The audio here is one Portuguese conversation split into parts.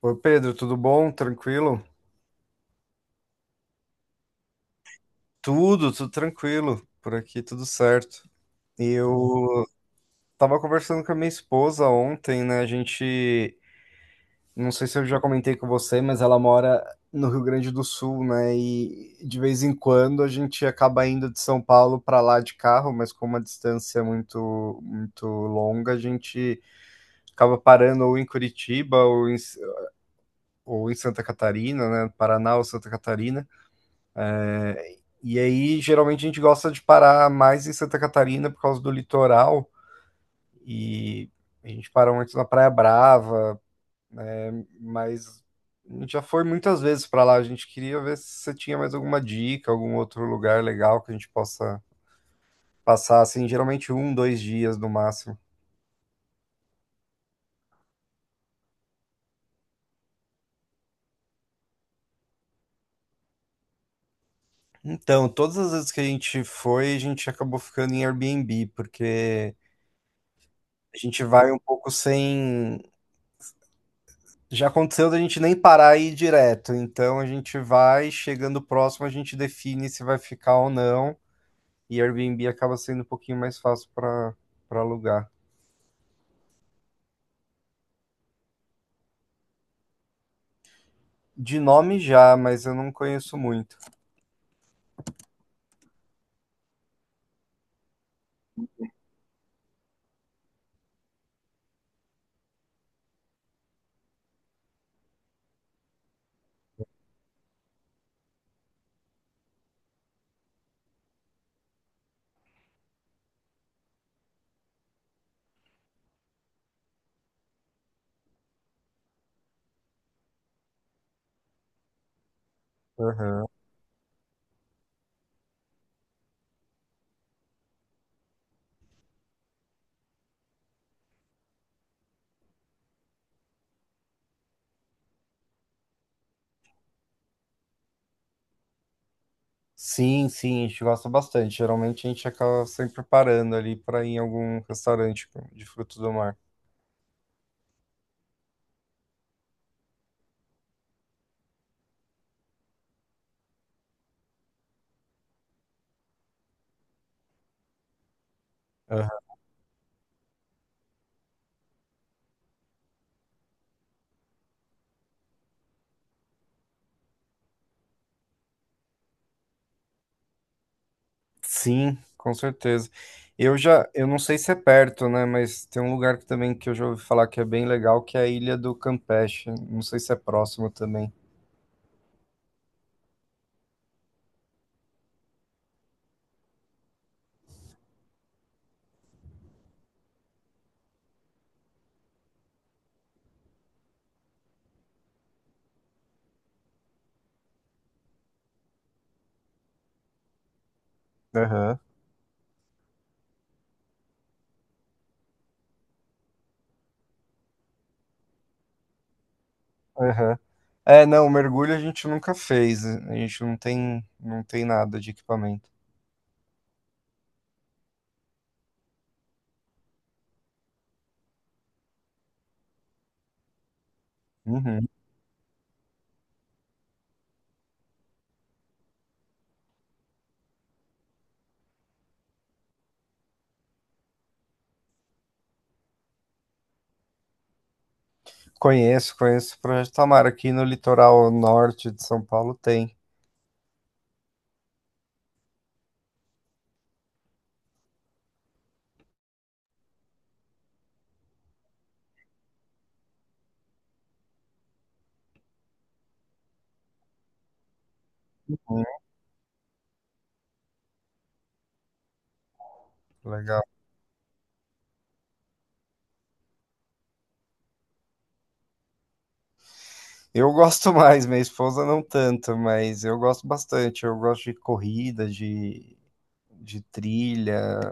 Oi, Pedro, tudo bom? Tranquilo? Tudo, tudo tranquilo. Por aqui tudo certo. E eu tava conversando com a minha esposa ontem, né? A gente, não sei se eu já comentei com você, mas ela mora no Rio Grande do Sul, né? E de vez em quando a gente acaba indo de São Paulo para lá de carro, mas com uma distância é muito muito longa, a gente acaba parando ou em Curitiba ou em Santa Catarina, né? Paraná ou Santa Catarina. E aí, geralmente, a gente gosta de parar mais em Santa Catarina por causa do litoral. E a gente parou antes na Praia Brava, mas a gente já foi muitas vezes para lá. A gente queria ver se você tinha mais alguma dica, algum outro lugar legal que a gente possa passar, assim, geralmente um, dois dias no máximo. Então, todas as vezes que a gente foi, a gente acabou ficando em Airbnb, porque a gente vai um pouco sem. Já aconteceu da gente nem parar e ir direto, então a gente vai, chegando próximo, a gente define se vai ficar ou não, e Airbnb acaba sendo um pouquinho mais fácil para alugar. De nome já, mas eu não conheço muito. Aham. Sim, sim, a gente gosta bastante. Geralmente a gente acaba sempre parando ali para ir em algum restaurante de frutos do mar. Sim, com certeza. Eu não sei se é perto, né? Mas tem um lugar que também que eu já ouvi falar que é bem legal, que é a Ilha do Campeche. Não sei se é próximo também. Aham. Aham. É, não, mergulho a gente nunca fez. A gente não tem, não tem nada de equipamento. Uhum. Conheço, conheço o Projeto Tamar. Aqui no litoral norte de São Paulo tem. Hum. Legal. Eu gosto mais, minha esposa não tanto, mas eu gosto bastante. Eu gosto de corrida, de, trilha.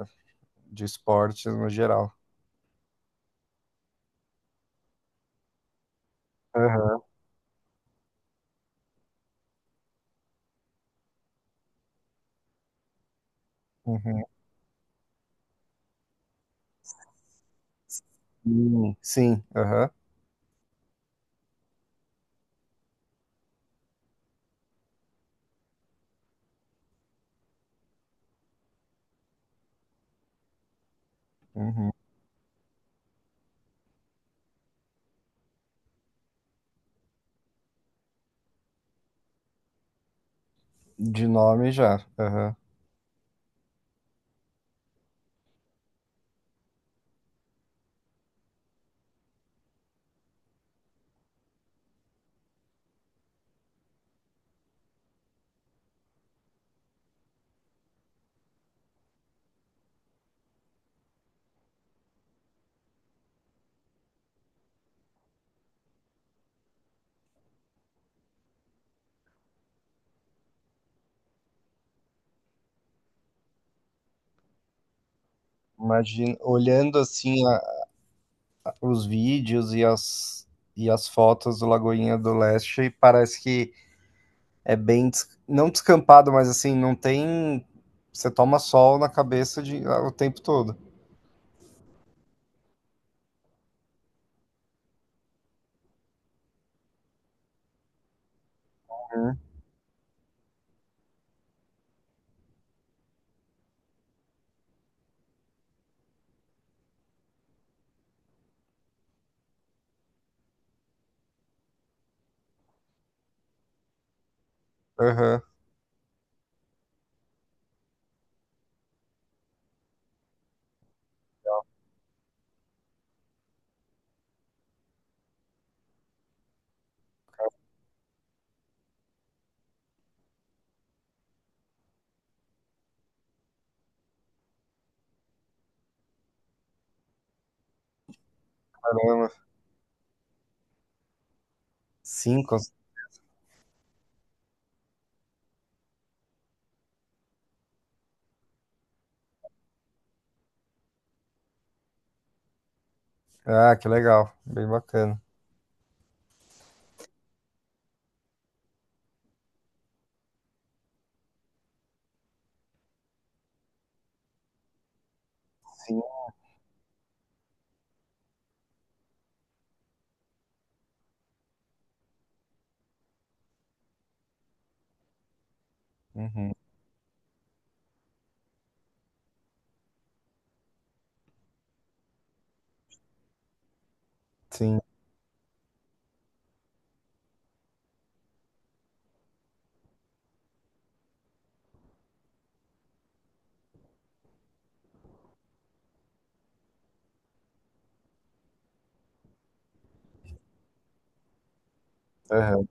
De esporte no geral. Aham, uhum. Sim, aham. Uhum. De nome já. Aham. Imagina, olhando assim os vídeos e as fotos do Lagoinha do Leste, parece que é bem, não descampado, mas assim, não tem. Você toma sol na cabeça de, ah, o tempo todo. Uhum. Aham. Caramba. Cinco. Ah, que legal. Bem bacana. Sim. Uhum. Sim. Aham.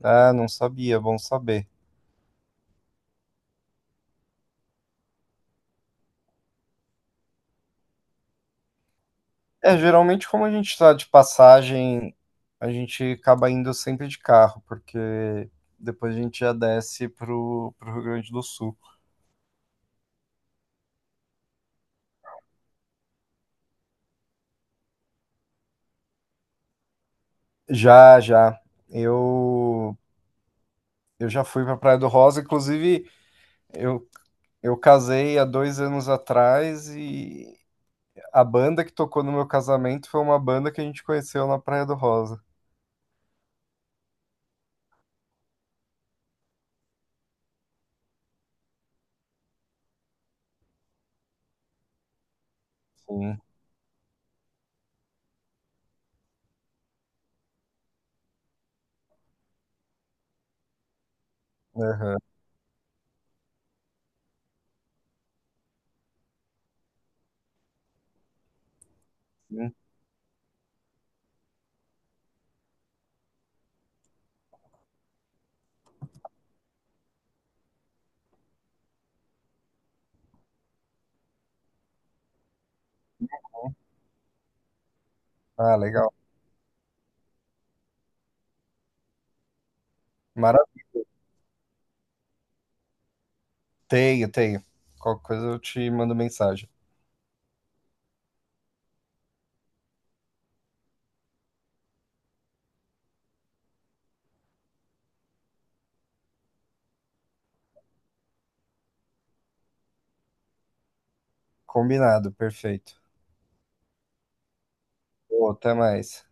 Ah, não sabia, bom saber. É, geralmente, como a gente está de passagem, a gente acaba indo sempre de carro, porque depois a gente já desce pro, Rio Grande do Sul. Já, já. Eu, eu já fui pra Praia do Rosa, inclusive, eu, eu casei há 2 anos atrás e a banda que tocou no meu casamento foi uma banda que a gente conheceu na Praia do Rosa. Sim. Aham. Sim. Ah, legal. Maravilha. Tenho, tenho. Qualquer coisa eu te mando mensagem. Combinado, perfeito. Pô, até mais.